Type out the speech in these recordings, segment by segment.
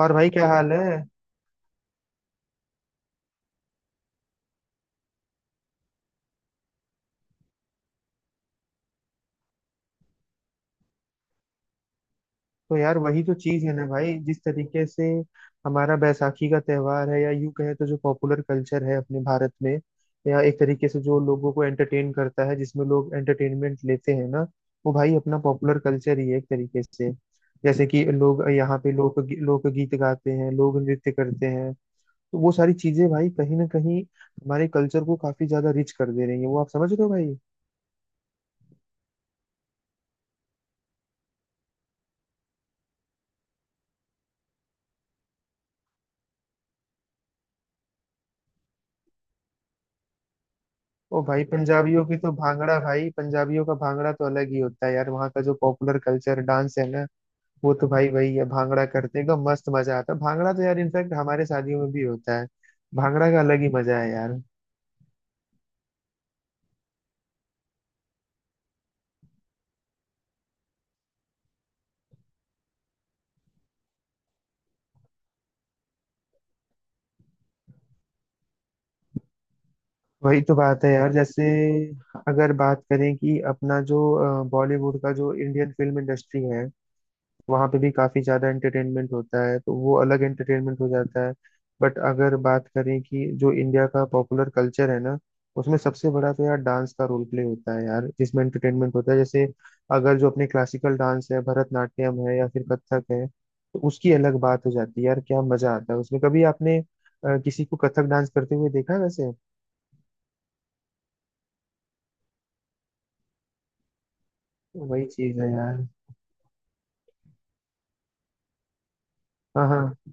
और भाई क्या हाल है। तो यार वही तो चीज है ना भाई, जिस तरीके से हमारा बैसाखी का त्योहार है, या यूं कहे तो जो पॉपुलर कल्चर है अपने भारत में, या एक तरीके से जो लोगों को एंटरटेन करता है, जिसमें लोग एंटरटेनमेंट लेते हैं ना, वो भाई अपना पॉपुलर कल्चर ही है एक तरीके से। जैसे कि लोग यहाँ पे लोकगीत गाते हैं, लोग नृत्य करते हैं। तो वो सारी चीजें भाई कहीं ना कहीं हमारे कल्चर को काफी ज्यादा रिच कर दे रही है। वो आप समझ रहे हो भाई। ओ भाई पंजाबियों की तो भांगड़ा, भाई पंजाबियों का भांगड़ा तो अलग ही होता है यार। वहाँ का जो पॉपुलर कल्चर डांस है ना, वो तो भाई वही है, भांगड़ा करते हैं एकदम मस्त, मजा आता है। भांगड़ा तो यार इनफैक्ट हमारे शादियों में भी होता है। भांगड़ा का अलग ही मजा है यार। वही तो बात है यार। जैसे अगर बात करें कि अपना जो बॉलीवुड का जो इंडियन फिल्म इंडस्ट्री है, वहाँ पे भी काफी ज्यादा एंटरटेनमेंट होता है, तो वो अलग एंटरटेनमेंट हो जाता है। बट अगर बात करें कि जो इंडिया का पॉपुलर कल्चर है ना, उसमें सबसे बड़ा तो यार डांस का रोल प्ले होता है यार, जिसमें एंटरटेनमेंट होता है। जैसे अगर जो अपने क्लासिकल डांस है, भरतनाट्यम है या फिर कथक है, तो उसकी अलग बात हो जाती है यार, क्या मजा आता है उसमें। कभी आपने किसी को कथक डांस करते हुए देखा है वैसे? वही चीज है यार। हाँ हाँ,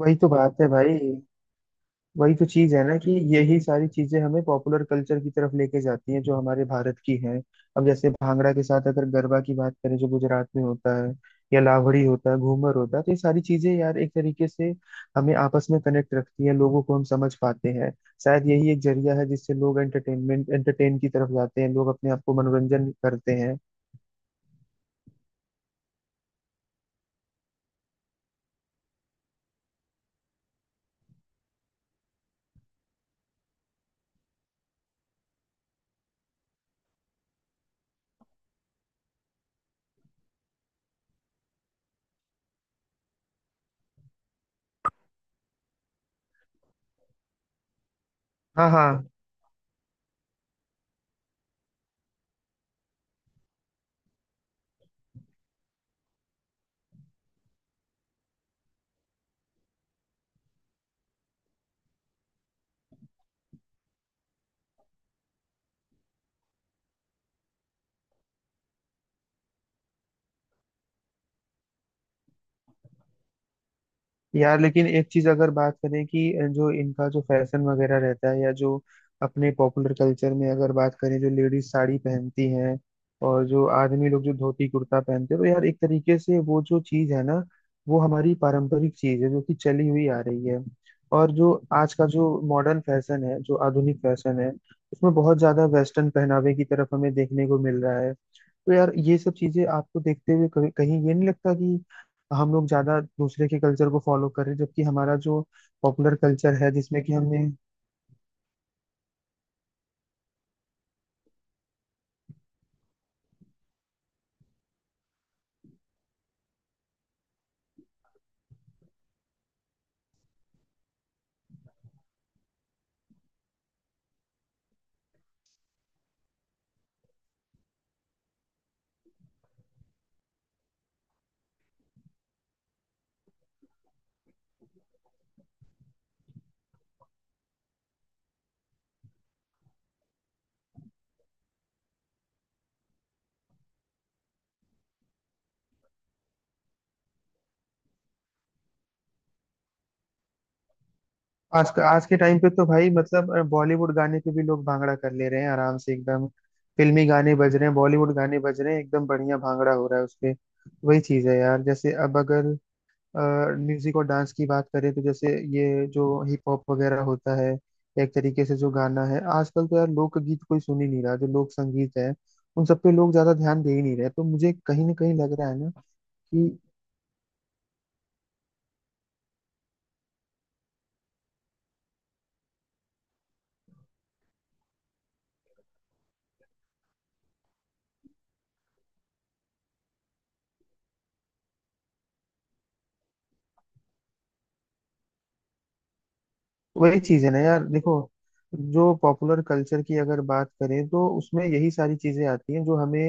वही तो बात है भाई, वही तो चीज है ना कि यही सारी चीजें हमें पॉपुलर कल्चर की तरफ लेके जाती हैं, जो हमारे भारत की हैं। अब जैसे भांगड़ा के साथ अगर गरबा की बात करें, जो गुजरात में होता है, या लावड़ी होता है, घूमर होता है, तो ये सारी चीजें यार एक तरीके से हमें आपस में कनेक्ट रखती हैं, लोगों को हम समझ पाते हैं। शायद यही एक जरिया है जिससे लोग एंटरटेनमेंट, एंटरटेन की तरफ जाते हैं, लोग अपने आप को मनोरंजन करते हैं। हाँ हाँ। यार लेकिन एक चीज अगर बात करें कि जो इनका जो फैशन वगैरह रहता है, या जो अपने पॉपुलर कल्चर में अगर बात करें, जो लेडीज साड़ी पहनती हैं और जो आदमी लोग जो धोती कुर्ता पहनते हैं, तो यार एक तरीके से वो जो चीज है ना, वो हमारी पारंपरिक चीज है जो कि चली हुई आ रही है। और जो आज का जो मॉडर्न फैशन है, जो आधुनिक फैशन है, उसमें बहुत ज्यादा वेस्टर्न पहनावे की तरफ हमें देखने को मिल रहा है। तो यार ये सब चीजें आपको देखते हुए कभी- कहीं ये नहीं लगता कि हम लोग ज्यादा दूसरे के कल्चर को फॉलो कर रहे हैं, जबकि हमारा जो पॉपुलर कल्चर है जिसमें कि हमने। आज, आज के टाइम पे तो भाई मतलब बॉलीवुड गाने पे भी लोग भांगड़ा कर ले रहे हैं आराम से एकदम। फिल्मी गाने बज रहे हैं, बॉलीवुड गाने बज रहे हैं, एकदम बढ़िया भांगड़ा हो रहा है उसपे। वही चीज है यार। जैसे अब अगर म्यूजिक और डांस की बात करें, तो जैसे ये जो हिप हॉप वगैरह होता है, या एक तरीके से जो गाना है आजकल, तो यार लोकगीत कोई सुन ही नहीं रहा, जो लोक संगीत है उन सब पे लोग ज्यादा ध्यान दे ही नहीं रहे। तो मुझे कहीं ना कहीं लग रहा है ना कि वही चीज है ना यार। देखो, जो पॉपुलर कल्चर की अगर बात करें, तो उसमें यही सारी चीजें आती हैं जो हमें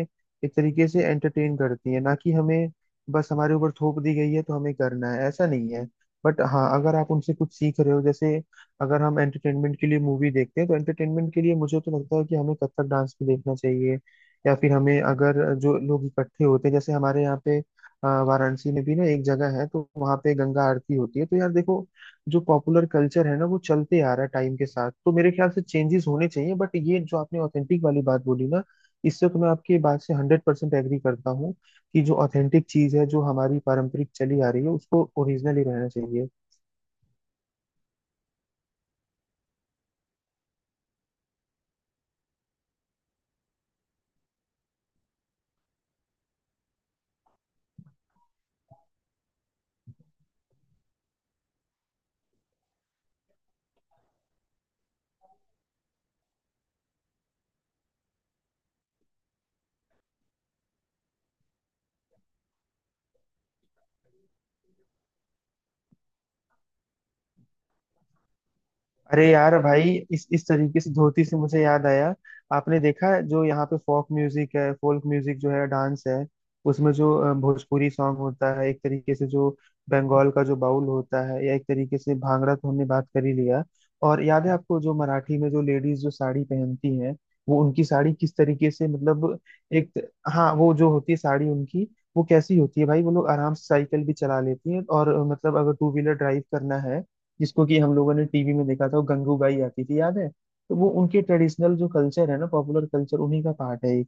एक तरीके से एंटरटेन करती है, ना कि हमें बस हमारे ऊपर थोप दी गई है तो हमें करना है, ऐसा नहीं है। बट हाँ, अगर आप उनसे कुछ सीख रहे हो, जैसे अगर हम एंटरटेनमेंट के लिए मूवी देखते हैं, तो एंटरटेनमेंट के लिए मुझे तो लगता है कि हमें कथक डांस भी देखना चाहिए। या फिर हमें अगर जो लोग इकट्ठे होते हैं, जैसे हमारे यहाँ पे वाराणसी में भी ना एक जगह है, तो वहाँ पे गंगा आरती होती है। तो यार देखो, जो पॉपुलर कल्चर है ना, वो चलते आ रहा है टाइम के साथ, तो मेरे ख्याल से चेंजेस होने चाहिए। बट ये जो आपने ऑथेंटिक वाली बात बोली ना, इससे तो मैं आपकी बात से हंड्रेड परसेंट एग्री करता हूँ कि जो ऑथेंटिक चीज है, जो हमारी पारंपरिक चली आ रही है, उसको ओरिजिनल ही रहना चाहिए। अरे यार भाई, इस तरीके से धोती से मुझे याद आया, आपने देखा जो यहाँ पे फोक म्यूजिक है, फोक म्यूजिक जो है, डांस है, उसमें जो भोजपुरी सॉन्ग होता है, एक तरीके से जो बंगाल का जो बाउल होता है, या एक तरीके से भांगड़ा तो हमने बात कर ही लिया। और याद है आपको जो मराठी में जो लेडीज जो साड़ी पहनती हैं, वो उनकी साड़ी किस तरीके से, मतलब एक, हाँ वो जो होती है साड़ी उनकी, वो कैसी होती है भाई? वो लोग आराम से साइकिल भी चला लेती हैं, और मतलब अगर टू व्हीलर ड्राइव करना है, जिसको कि हम लोगों ने टीवी में देखा था, वो गंगू बाई आती थी, याद है? तो वो उनके ट्रेडिशनल जो कल्चर है ना, पॉपुलर कल्चर, उन्हीं का पार्ट है ये।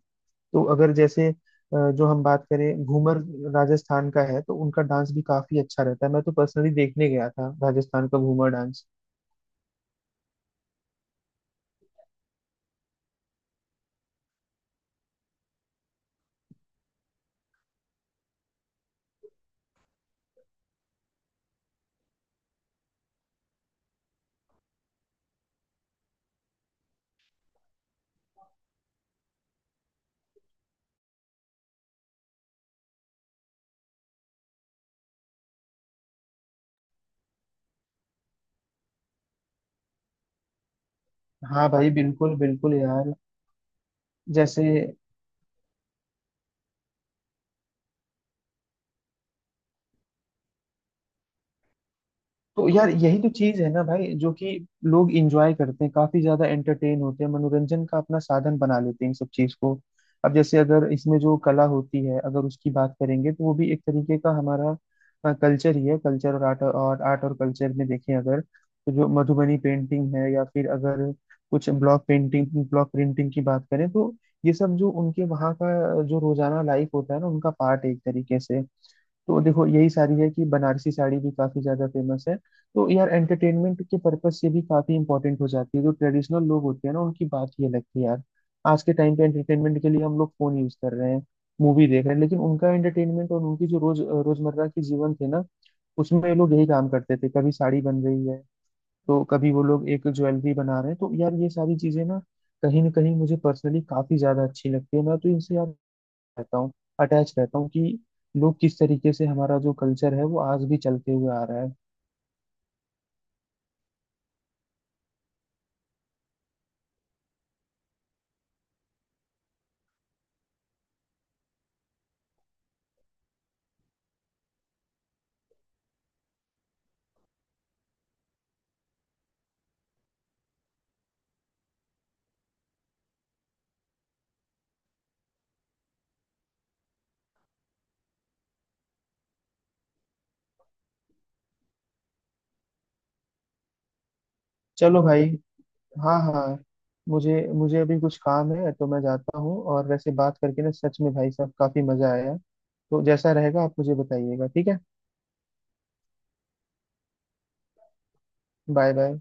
तो अगर जैसे जो हम बात करें घूमर, राजस्थान का है, तो उनका डांस भी काफी अच्छा रहता है। मैं तो पर्सनली देखने गया था राजस्थान का घूमर डांस। हाँ भाई बिल्कुल बिल्कुल यार। जैसे तो यार यही तो चीज है ना भाई, जो कि लोग इंजॉय करते हैं, काफी ज्यादा एंटरटेन होते हैं, मनोरंजन का अपना साधन बना लेते हैं इन सब चीज को। अब जैसे अगर इसमें जो कला होती है, अगर उसकी बात करेंगे, तो वो भी एक तरीके का हमारा कल्चर ही है। कल्चर और आर्ट, और आर्ट और कल्चर में देखें अगर, तो जो मधुबनी पेंटिंग है, या फिर अगर कुछ ब्लॉक पेंटिंग ब्लॉक प्रिंटिंग की बात करें, तो ये सब जो उनके वहाँ का जो रोजाना लाइफ होता है ना, उनका पार्ट है एक तरीके से। तो देखो यही साड़ी है कि बनारसी साड़ी भी काफी ज्यादा फेमस है। तो यार एंटरटेनमेंट के पर्पज से भी काफी इंपॉर्टेंट हो जाती है। जो ट्रेडिशनल लोग होते हैं ना, उनकी बात ही अलग थी यार। आज के टाइम पे एंटरटेनमेंट के लिए हम लोग फोन यूज कर रहे हैं, मूवी देख रहे हैं, लेकिन उनका एंटरटेनमेंट और उनकी जो रोज, रोजमर्रा की जीवन थे ना, उसमें ये लोग यही काम करते थे, कभी साड़ी बन रही है, तो कभी वो लोग एक ज्वेलरी बना रहे हैं। तो यार ये सारी चीजें ना कहीं मुझे पर्सनली काफी ज्यादा अच्छी लगती है। मैं तो इनसे यार रहता हूँ, अटैच रहता हूँ कि लोग किस तरीके से, हमारा जो कल्चर है वो आज भी चलते हुए आ रहा है। चलो भाई, हाँ हाँ, मुझे मुझे अभी कुछ काम है तो मैं जाता हूँ, और वैसे बात करके ना सच में भाई साहब काफी मजा आया। तो जैसा रहेगा आप मुझे बताइएगा, ठीक है? Bye bye.